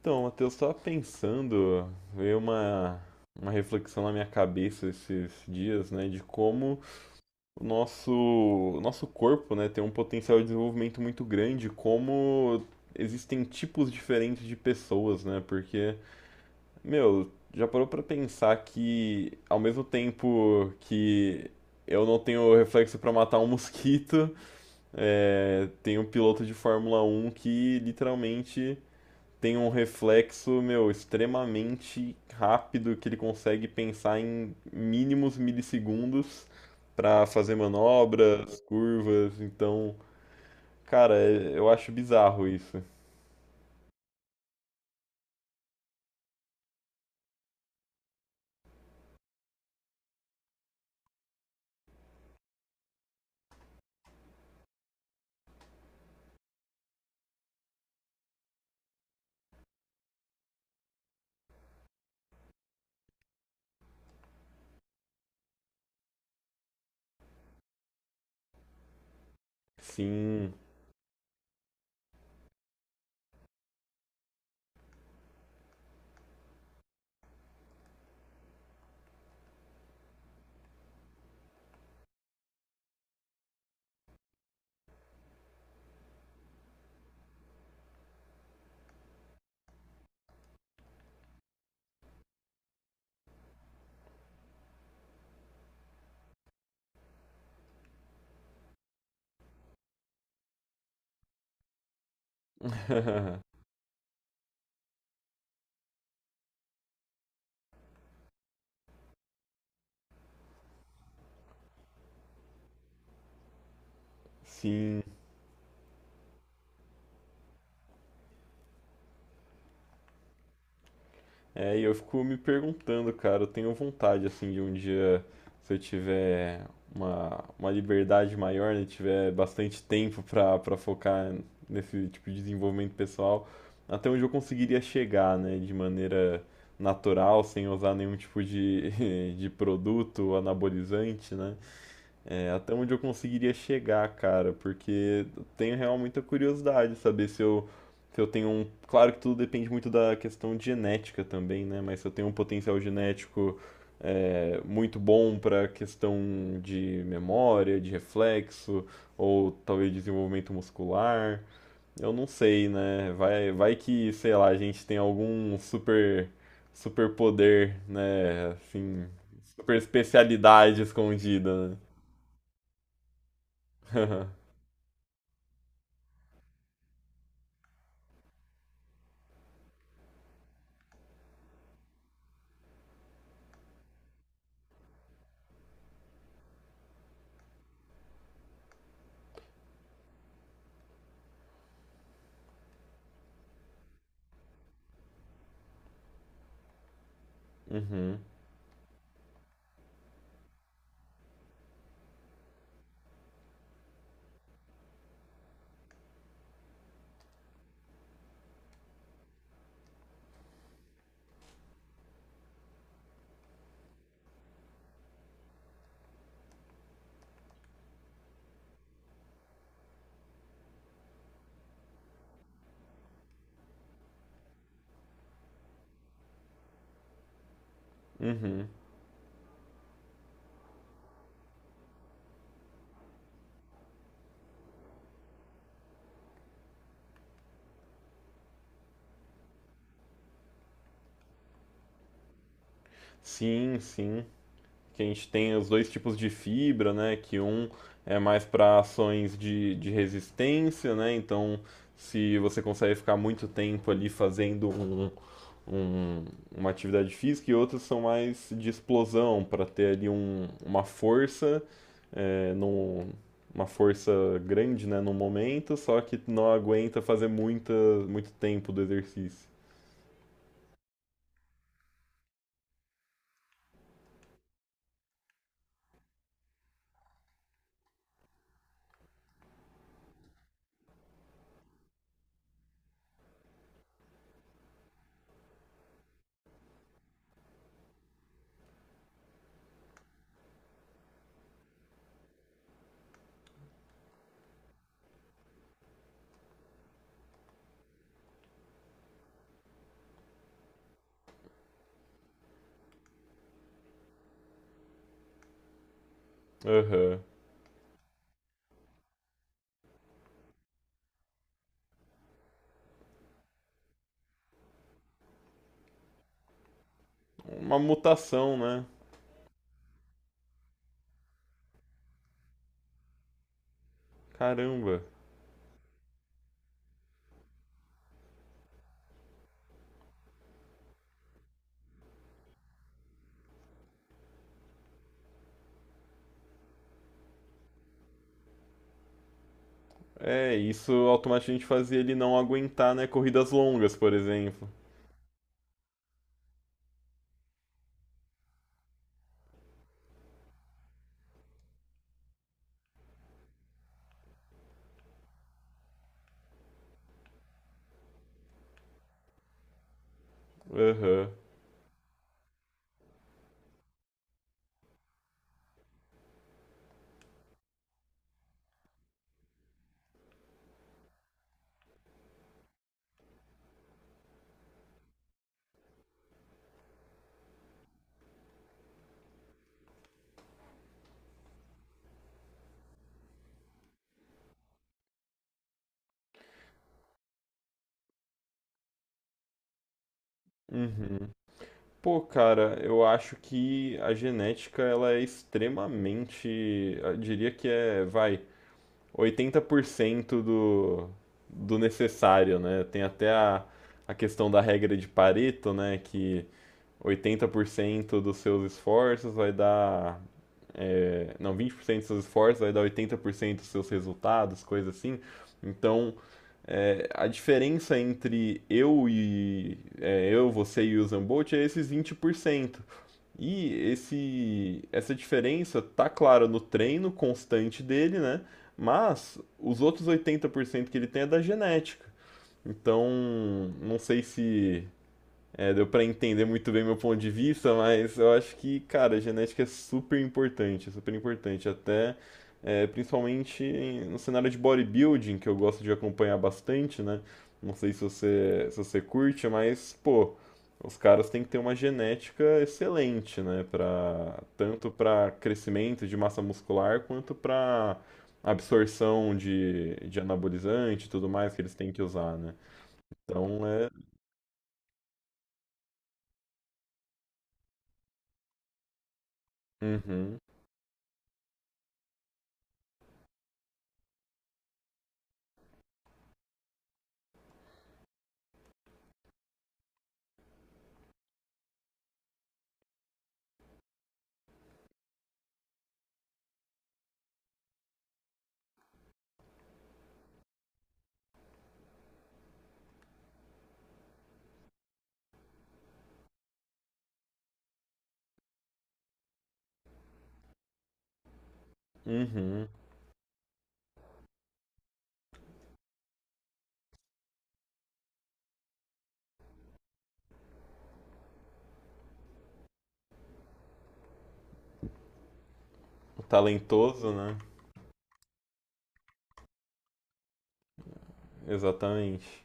Então, Matheus, estava pensando, veio uma, uma reflexão na minha cabeça esses dias, né, de como o nosso corpo, né, tem um potencial de desenvolvimento muito grande, como existem tipos diferentes de pessoas, né, porque, meu, já parou para pensar que ao mesmo tempo que eu não tenho reflexo para matar um mosquito, tem um piloto de Fórmula Um que literalmente tem um reflexo, meu, extremamente rápido que ele consegue pensar em mínimos milissegundos para fazer manobras, curvas. Então, cara, eu acho bizarro isso. Sim. Sim. É, e eu fico me perguntando, cara, eu tenho vontade, assim, de um dia, se eu tiver uma liberdade maior, né, tiver bastante tempo pra focar nesse tipo de desenvolvimento pessoal, até onde eu conseguiria chegar, né, de maneira natural, sem usar nenhum tipo de, de produto anabolizante, né? É, até onde eu conseguiria chegar, cara, porque eu tenho real muita curiosidade saber se eu tenho um. Claro que tudo depende muito da questão de genética também, né? Mas se eu tenho um potencial genético muito bom para questão de memória, de reflexo, ou talvez desenvolvimento muscular, eu não sei, né? Vai que, sei lá, a gente tem algum super, super poder, né? Assim, super especialidade escondida, né? Uhum, uhum. Sim, sim. Que a gente tem os dois tipos de fibra, né? Que um é mais para ações de resistência, né? Então, se você consegue ficar muito tempo ali fazendo um- uma atividade física, e outros são mais de explosão, para ter ali uma força, é, num- uma força grande, né? No momento, só que não aguenta fazer muito tempo do exercício. Aham. Uma mutação, né? Caramba. É, isso automaticamente fazia ele não aguentar, né, corridas longas, por exemplo. Aham. Uhum. Pô, cara, eu acho que a genética ela é extremamente, eu diria que vai, 80% do, do necessário, né? Tem até a questão da regra de Pareto, né, que 80% dos seus esforços vai dar não, 20% dos seus esforços vai dar 80% dos seus resultados, coisa assim. Então, a diferença entre eu, você e o Usain Bolt é esses 20%. E essa diferença tá clara no treino constante dele, né? Mas os outros 80% que ele tem é da genética. Então, não sei se deu pra entender muito bem meu ponto de vista, mas eu acho que, cara, a genética é super importante, é super importante. Até, é, principalmente no cenário de bodybuilding, que eu gosto de acompanhar bastante, né? Não sei se você curte, mas, pô, os caras têm que ter uma genética excelente, né? Pra, tanto para crescimento de massa muscular quanto para absorção de anabolizante e tudo mais que eles têm que usar, né? Então é. Uhum, uhum. Talentoso, né? Exatamente.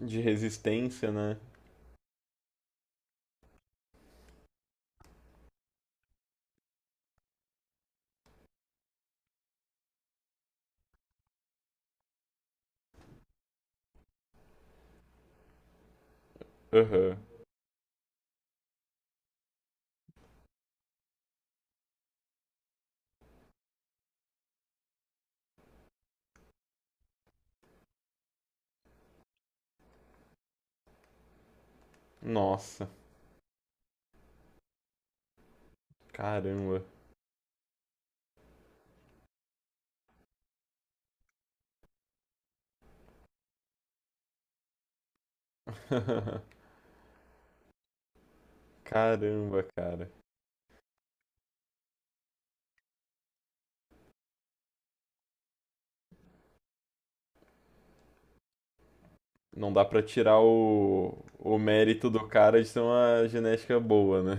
De resistência, né? Aham. Nossa. Caramba. Caramba, cara. Não dá pra tirar o mérito do cara de ter uma genética boa, né?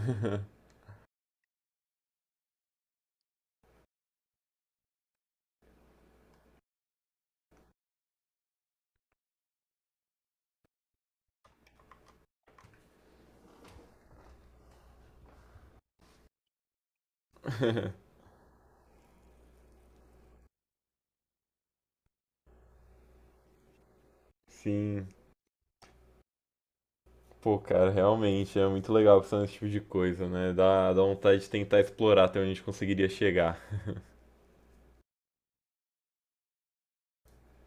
Sim. Pô, cara, realmente é muito legal pensar nesse tipo de coisa, né? Dá vontade de tentar explorar até onde a gente conseguiria chegar.